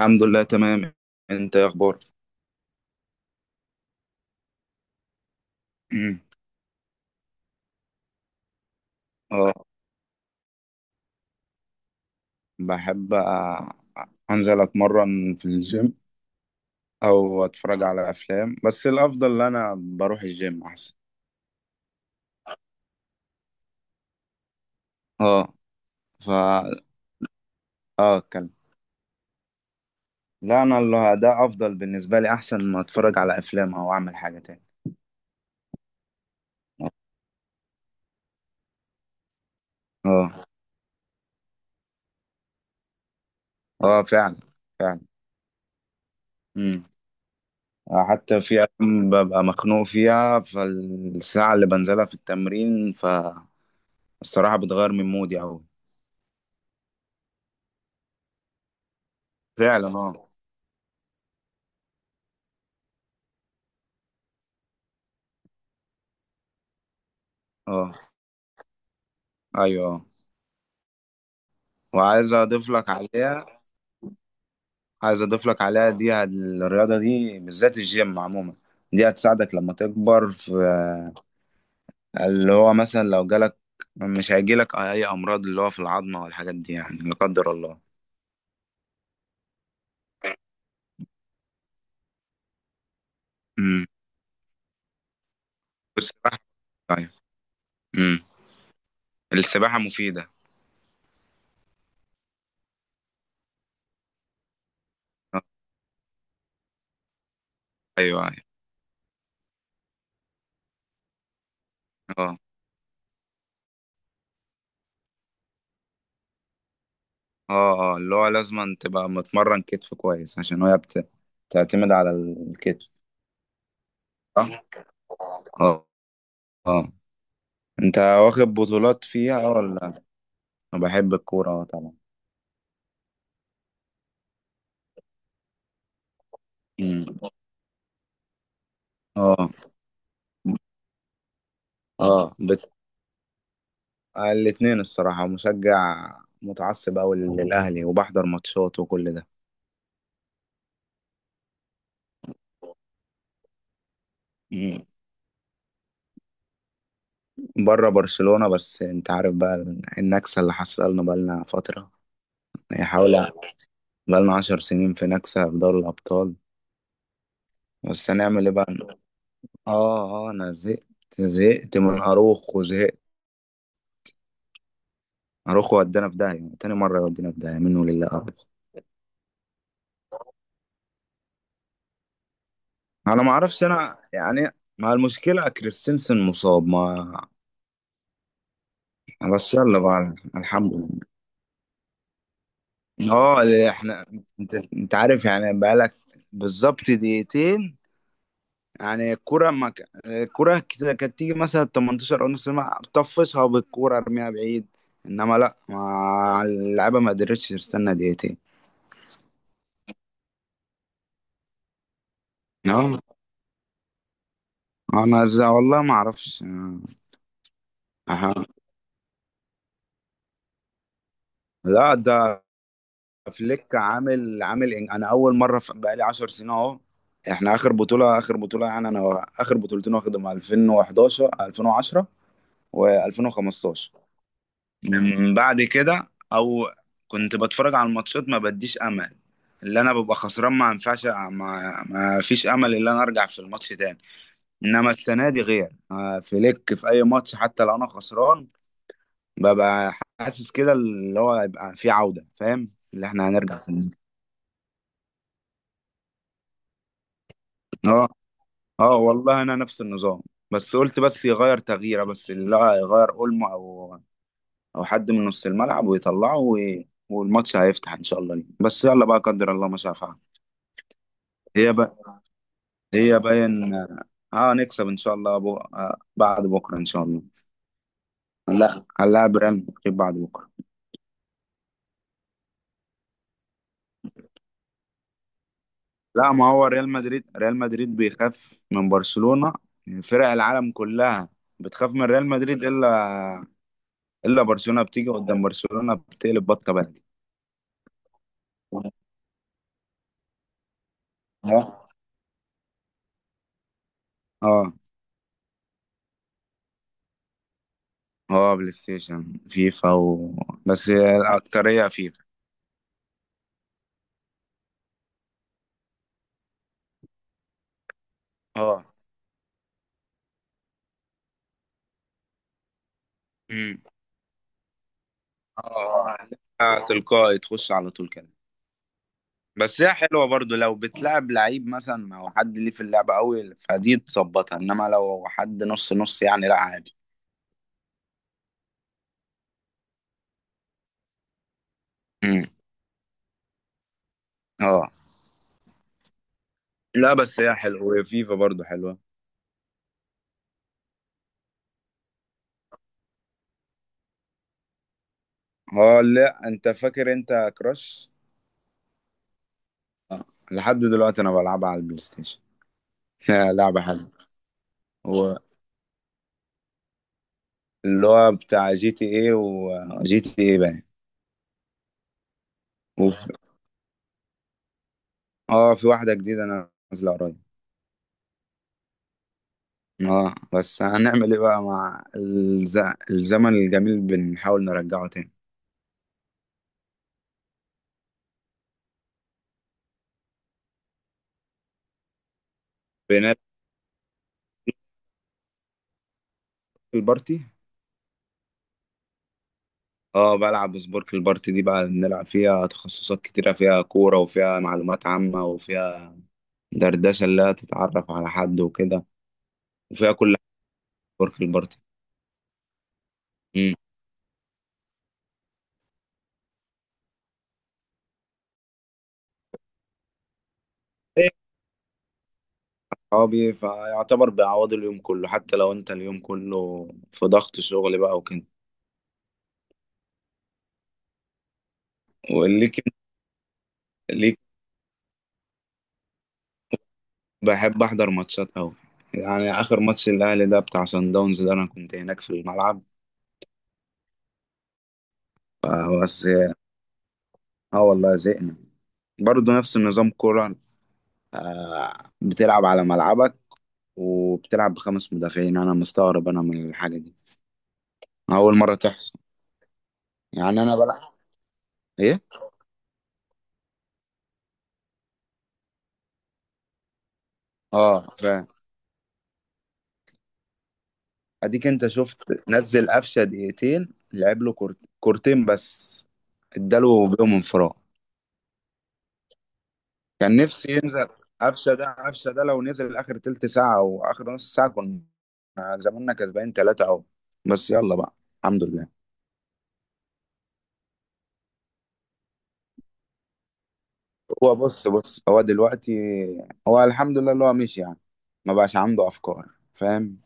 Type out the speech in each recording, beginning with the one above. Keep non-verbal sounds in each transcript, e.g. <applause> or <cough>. الحمد لله تمام. انت ايه اخبارك؟ مم. اه بحب انزل اتمرن في الجيم او اتفرج على افلام، بس الافضل ان انا بروح الجيم احسن. اه ف اه اتكلم. لا، انا اللي ده افضل بالنسبه لي، احسن ما اتفرج على افلام او اعمل حاجه تاني. اه اه فعلا. فعلا. مم. حتى في أيام ببقى مخنوق فيها، فالساعة اللي بنزلها في التمرين فالصراحة بتغير من مودي أوي. فعلا. اه اه ايوه. وعايز اضيف لك عليها، عايز اضيف لك عليها، دي الرياضه دي بالذات، الجيم عموما، دي هتساعدك لما تكبر في اللي هو مثلا لو جالك، مش هيجيلك اي امراض اللي هو في العظمه والحاجات دي، يعني لا قدر الله. امم والسباحه، ايوه. امم السباحه مفيده. آه، ايوه ايوه. اه اه اللي هو لازم تبقى متمرن كتف كويس عشان هي بتعتمد على الكتف. صح. اه اه انت واخد بطولات فيها ولا؟ بحب الكورة، اه طبعا. أمم. اه اه الاتنين الصراحة، مشجع، متعصب أوي للأهلي وبحضر ماتشات وكل ده. أمم. بره برشلونة، بس انت عارف بقى النكسة اللي حصل لنا بقالنا فترة. هي حوالي، بقالنا عشر سنين في نكسة في دوري الأبطال. بس هنعمل ايه بقى؟ اه انا زهقت، زهقت من اروخو، زهقت. اروخو ودانا في داهية، تاني مرة يودينا في داهية، منه لله أبدا. انا ما اعرفش انا، يعني ما المشكلة كريستنسن مصاب. ما بس يلا بقى، الحمد لله. اه اللي احنا، انت انت عارف يعني بقالك، بالظبط دقيقتين، يعني الكوره ما الكوره كده كانت تيجي مثلا 18 او نص ساعه طفشها بالكوره، ارميها بعيد. انما لا، ما اللعيبه ما قدرتش تستنى دقيقتين. اه انا والله ما اعرفش. آه، أها. لا ده فليك عامل عامل انا اول مره بقالي 10 سنين اهو. احنا اخر بطوله، اخر بطوله يعني، انا اخر بطولتين واخدهم 2011 2010 و2015. من بعد كده، او كنت بتفرج على الماتشات ما بديش امل، اللي انا ببقى خسران ما ينفعش، ما فيش امل ان انا ارجع في الماتش تاني. انما السنه دي غير، فليك في اي ماتش حتى لو انا خسران، ببقى حاسس كده اللي هو هيبقى في عوده، فاهم، اللي احنا هنرجع في. اه اه والله انا نفس النظام، بس قلت بس يغير تغييره، بس اللي هو يغير اولمو او او حد من نص الملعب ويطلعه والماتش هيفتح ان شاء الله ليه. بس يلا بقى، قدر الله ما شاء فعل. هي بقى، هي باين. اه نكسب ان شاء الله، بو... آه بعد بكره ان شاء الله. لا هنلاعب ريال مدريد بعد بكره. لا ما هو ريال مدريد، ريال مدريد بيخاف من برشلونه، فرق العالم كلها بتخاف من ريال مدريد الا، الا برشلونه بتيجي قدام برشلونه بتقلب بطه بلدي. اه اه اه بلاي ستيشن فيفا بس الأكترية فيفا. اه امم اه تلقائي تخش على طول كده. بس هي حلوه برضو لو بتلعب لعيب مثلا او حد ليه في اللعبه قوي، فدي تظبطها. انما لو حد نص نص يعني، لا عادي. امم اه لا بس هي حلوه، وهي فيفا برضو حلوه. اه لا انت فاكر انت كراش؟ لحد دلوقتي انا بلعبها على البلاي ستيشن. <laughs> يا لعبه حلوه. هو اللي هو بتاع جي تي ايه، وجي تي ايه بقى وفي، اه في واحده جديده انا نازله قريب. اه بس هنعمل ايه بقى مع الزمن الجميل، بنحاول نرجعه تاني. بنلعب البارتي. اه بلعب سبورك البارتي دي بقى، بنلعب فيها تخصصات كتيرة، فيها كورة وفيها معلومات عامة وفيها دردشة اللي هي تتعرف على حد وكده، وفيها كل حاجة، سبورك البارتي. امم إيه صحابي فيعتبر بيعوضوا اليوم كله، حتى لو انت اليوم كله في ضغط شغل بقى وكده. وليك، ليك بحب احضر ماتشات قوي. يعني اخر ماتش الاهلي ده بتاع سان داونز ده، انا كنت هناك في الملعب. بس اه والله زهقنا. برضه نفس النظام، كوره، آه، بتلعب على ملعبك وبتلعب بخمس مدافعين، انا مستغرب انا من الحاجه دي. اول مره تحصل. يعني انا بلعب ايه. اه ف اديك، انت شفت نزل قفشه دقيقتين، لعب له كورتين بس، اداله بيهم انفراد. كان نفسي ينزل قفشه ده، قفشه ده لو نزل اخر تلت ساعه او اخر نص ساعه، كنا زماننا كسبانين ثلاثه اهو. بس يلا بقى، الحمد لله. هو بص، بص، هو دلوقتي هو الحمد لله اللي هو مشي يعني، ما بقاش عنده افكار، فاهم.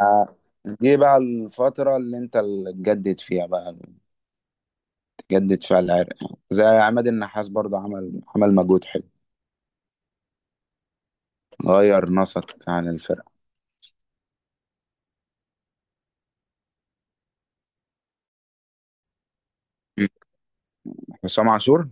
آه، دي بقى الفترة اللي انت اللي تجدد فيها بقى، تجدد فيها العرق يعني. زي عماد النحاس برضه، عمل عمل مجهود حلو، غير نسق عن الفرقة. م. حسام عاشور،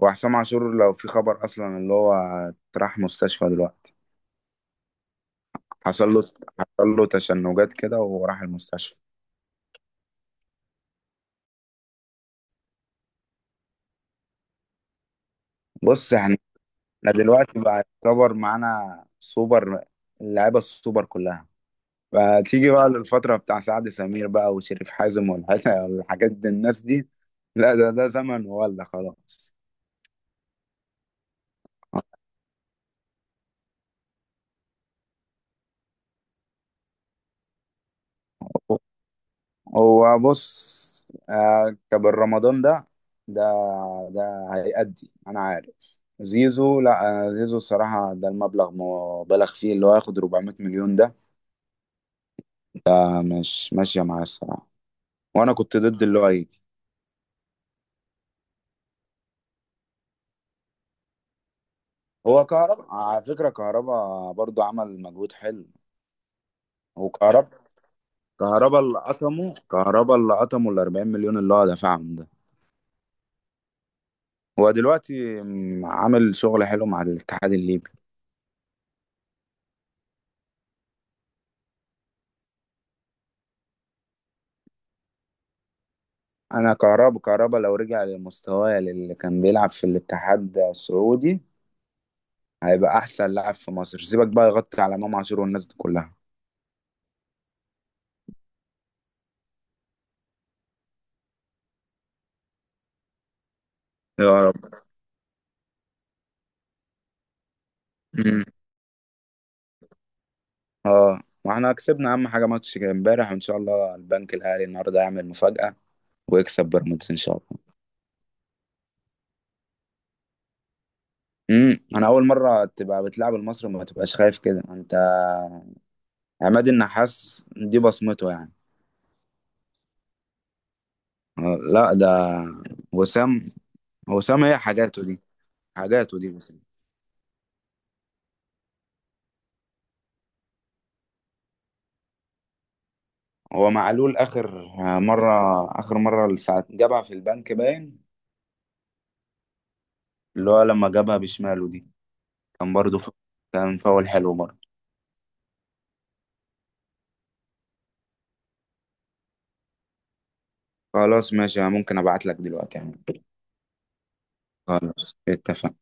وحسام عاشور لو في خبر اصلا اللي هو راح مستشفى دلوقتي، حصل له، حصل له تشنجات كده وراح المستشفى. بص يعني، احنا دلوقتي بقى يعتبر معانا سوبر، اللعيبه السوبر كلها. فتيجي بقى للفتره بتاع سعد سمير بقى وشريف حازم، والحاجات والحاجات دي الناس دي، لا ده ده زمن ولا خلاص. هو بص، كابر رمضان ده، ده ده هيأدي، انا عارف. زيزو، لا زيزو الصراحة ده المبلغ مبالغ فيه، اللي هو هياخد 400 مليون ده، مش ماشية معاه الصراحة. وانا كنت ضد اللي هو هيجي. هو كهربا، على فكرة كهربا برضو عمل مجهود حلو. هو كهربا، كهربا اللي قطمه، كهربا اللي قطمه ال 40 مليون اللي هو دفعهم ده، هو دلوقتي عامل شغل حلو مع الاتحاد الليبي. انا كهربا، كهربا لو رجع لمستواه اللي كان بيلعب في الاتحاد السعودي، هيبقى احسن لاعب في مصر، سيبك بقى يغطي على امام عاشور والناس دي كلها. يا رب. مم. اه واحنا كسبنا اهم حاجه ماتش امبارح، وان شاء الله البنك الاهلي النهارده يعمل مفاجاه ويكسب بيراميدز ان شاء الله. انا اول مره تبقى بتلعب المصري ما تبقاش خايف كده انت. عماد النحاس دي بصمته يعني. لا ده وسام، وسام هي حاجاته دي، حاجاته دي بس. هو معلول اخر مره، اخر مره ساعه جابها في البنك باين، اللي هو لما جابها بشماله دي، كان برضه كان فاول حلو برضه. خلاص ماشي، أنا ممكن ابعت لك دلوقتي يعني. خلاص اتفقنا.